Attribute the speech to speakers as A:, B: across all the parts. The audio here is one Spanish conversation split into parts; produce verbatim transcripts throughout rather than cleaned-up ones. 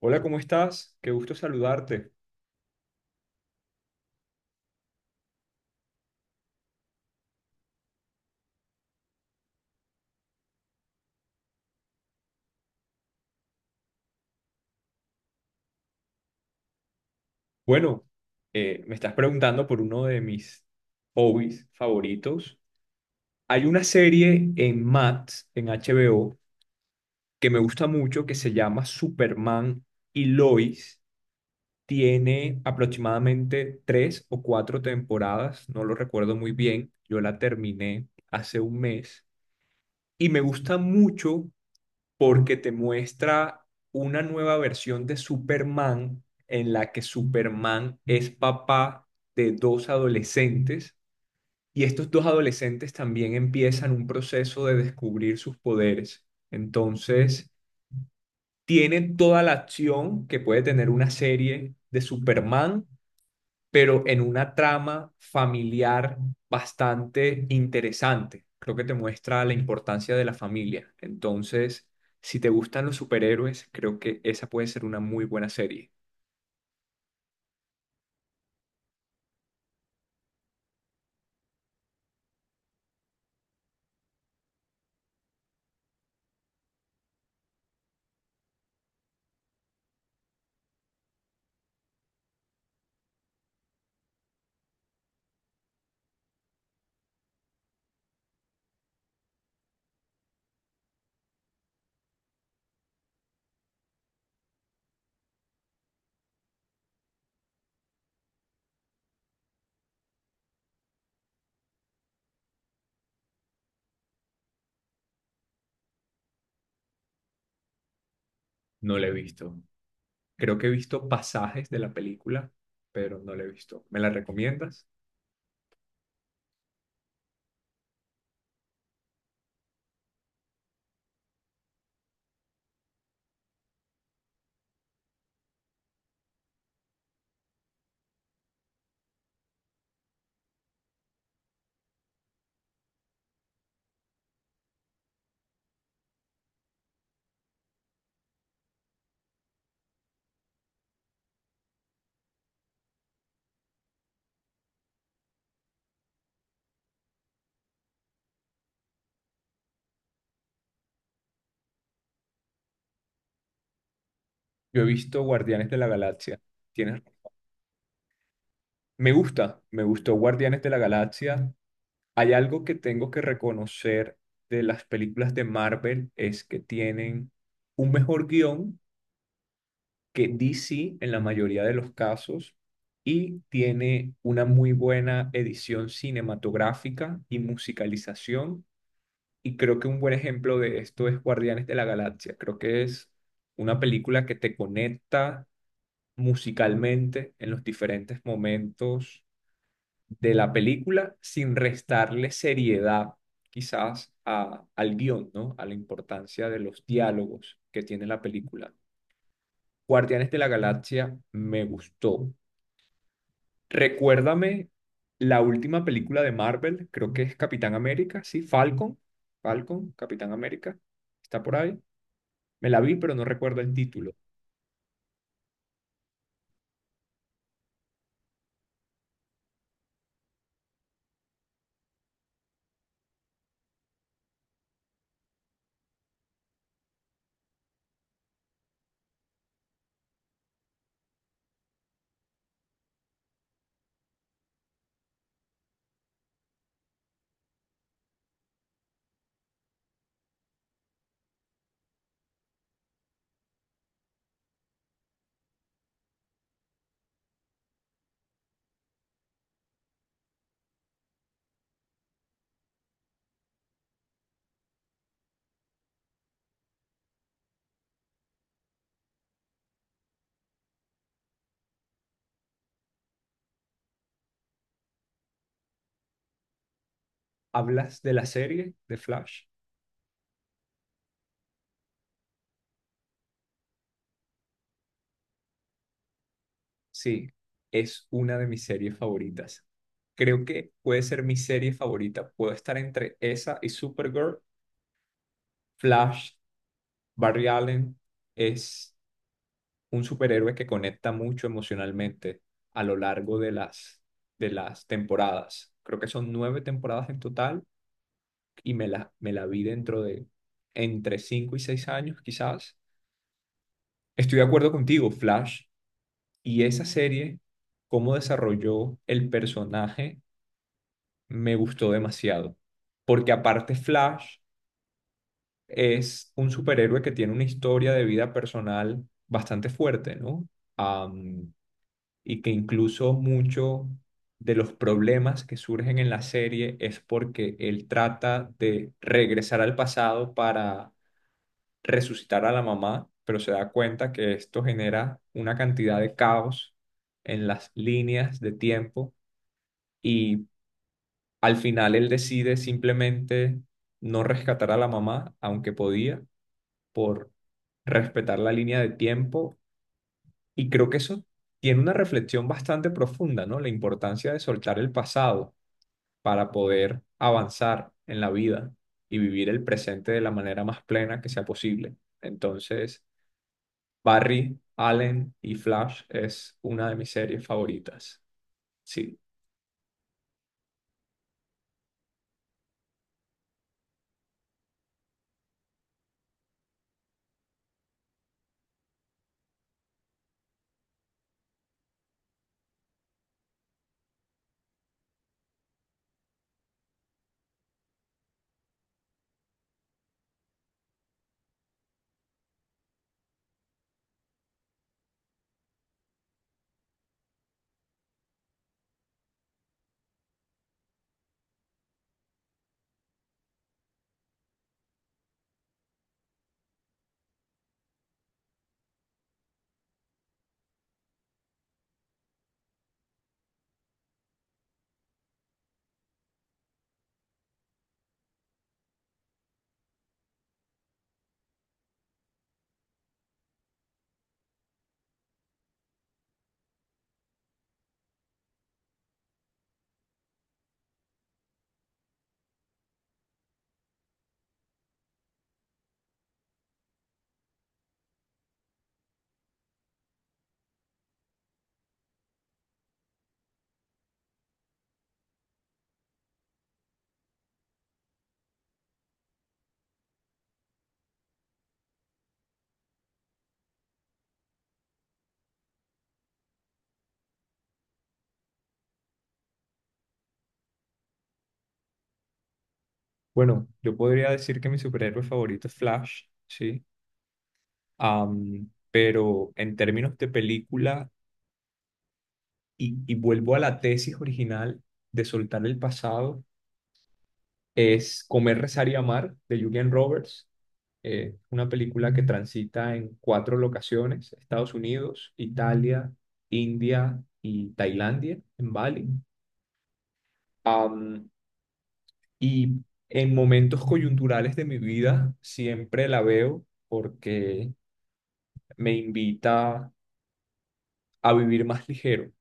A: Hola, ¿cómo estás? Qué gusto saludarte. Bueno, eh, me estás preguntando por uno de mis hobbies favoritos. Hay una serie en Max, en H B O, que me gusta mucho, que se llama Superman y Lois. Tiene aproximadamente tres o cuatro temporadas, no lo recuerdo muy bien. Yo la terminé hace un mes y me gusta mucho porque te muestra una nueva versión de Superman en la que Superman es papá de dos adolescentes y estos dos adolescentes también empiezan un proceso de descubrir sus poderes. Entonces, tiene toda la acción que puede tener una serie de Superman pero en una trama familiar bastante interesante. Creo que te muestra la importancia de la familia. Entonces, si te gustan los superhéroes, creo que esa puede ser una muy buena serie. No la he visto. Creo que he visto pasajes de la película, pero no la he visto. ¿Me la recomiendas? Yo he visto Guardianes de la Galaxia. ¿Tienes? Me gusta, me gustó Guardianes de la Galaxia. Hay algo que tengo que reconocer de las películas de Marvel es que tienen un mejor guión que D C en la mayoría de los casos y tiene una muy buena edición cinematográfica y musicalización. Y creo que un buen ejemplo de esto es Guardianes de la Galaxia. Creo que es una película que te conecta musicalmente en los diferentes momentos de la película sin restarle seriedad quizás a- al guión, ¿no? A la importancia de los diálogos que tiene la película. Guardianes de la Galaxia me gustó. Recuérdame la última película de Marvel, creo que es Capitán América, ¿sí? Falcon, Falcon, Capitán América, está por ahí. Me la vi, pero no recuerdo el título. ¿Hablas de la serie de Flash? Sí, es una de mis series favoritas. Creo que puede ser mi serie favorita. Puedo estar entre esa y Supergirl, Flash, Barry Allen. Es un superhéroe que conecta mucho emocionalmente a lo largo de las, de las temporadas. Creo que son nueve temporadas en total y me la, me la vi dentro de entre cinco y seis años, quizás. Estoy de acuerdo contigo, Flash. Y esa serie, cómo desarrolló el personaje me gustó demasiado. Porque aparte Flash es un superhéroe que tiene una historia de vida personal bastante fuerte, ¿no? Am, y que incluso mucho de los problemas que surgen en la serie es porque él trata de regresar al pasado para resucitar a la mamá, pero se da cuenta que esto genera una cantidad de caos en las líneas de tiempo y al final él decide simplemente no rescatar a la mamá, aunque podía, por respetar la línea de tiempo. Y creo que eso tiene una reflexión bastante profunda, ¿no? La importancia de soltar el pasado para poder avanzar en la vida y vivir el presente de la manera más plena que sea posible. Entonces, Barry, Allen y Flash es una de mis series favoritas. Sí. Bueno, yo podría decir que mi superhéroe favorito es Flash, sí. Am, pero en términos de película, y, y vuelvo a la tesis original de soltar el pasado, es Comer, Rezar y Amar de Julian Roberts, eh, una película que transita en cuatro locaciones, Estados Unidos, Italia, India y Tailandia, en Bali. Am, y en momentos coyunturales de mi vida siempre la veo porque me invita a vivir más ligero.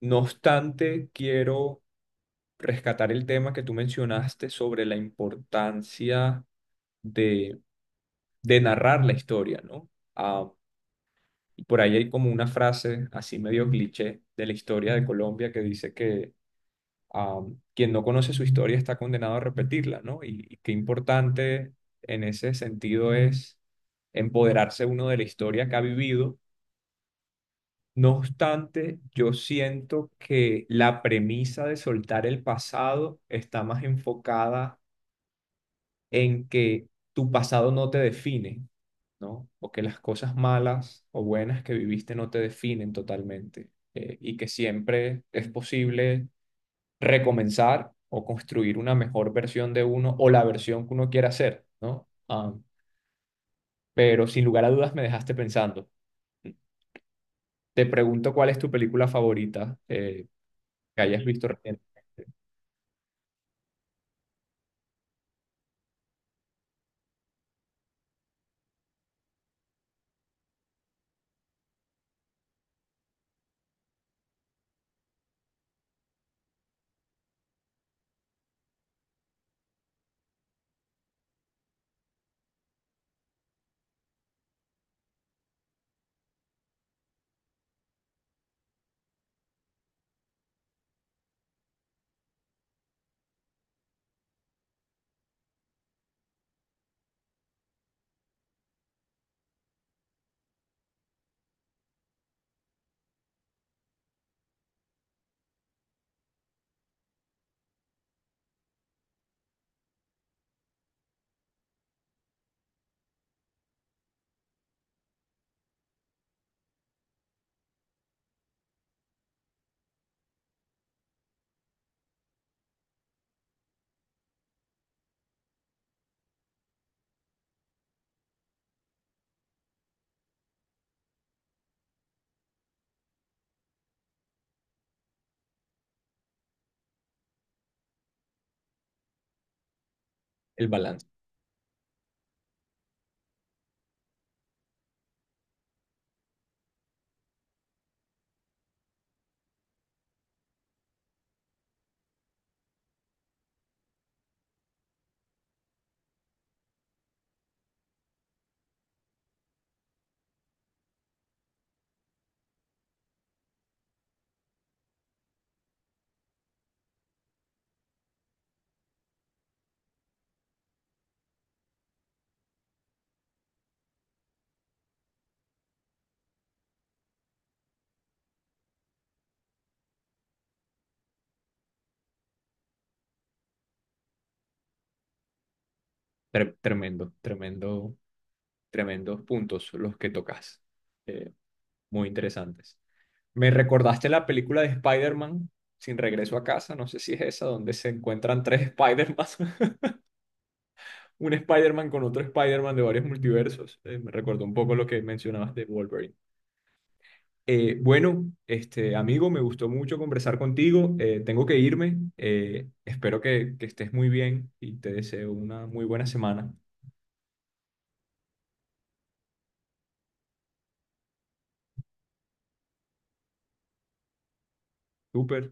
A: No obstante, quiero rescatar el tema que tú mencionaste sobre la importancia de, de narrar la historia, ¿no? Ah, y por ahí hay como una frase así medio cliché de la historia de Colombia que dice que ah, quien no conoce su historia está condenado a repetirla, ¿no? Y, y qué importante en ese sentido es empoderarse uno de la historia que ha vivido. No obstante, yo siento que la premisa de soltar el pasado está más enfocada en que tu pasado no te define, ¿no? O que las cosas malas o buenas que viviste no te definen totalmente, eh, y que siempre es posible recomenzar o construir una mejor versión de uno o la versión que uno quiera hacer, ¿no? Ah, pero sin lugar a dudas me dejaste pensando. Te pregunto cuál es tu película favorita, eh, que hayas visto recientemente. El balance. Tre- tremendo, tremendo, tremendos puntos los que tocas. Eh, muy interesantes. Me recordaste la película de Spider-Man Sin Regreso a Casa, no sé si es esa, donde se encuentran tres Spider-Man, un Spider-Man con otro Spider-Man de varios multiversos. Eh, me recordó un poco lo que mencionabas de Wolverine. Eh, bueno, este amigo, me gustó mucho conversar contigo. Eh, tengo que irme. Eh, espero que, que estés muy bien y te deseo una muy buena semana. Súper.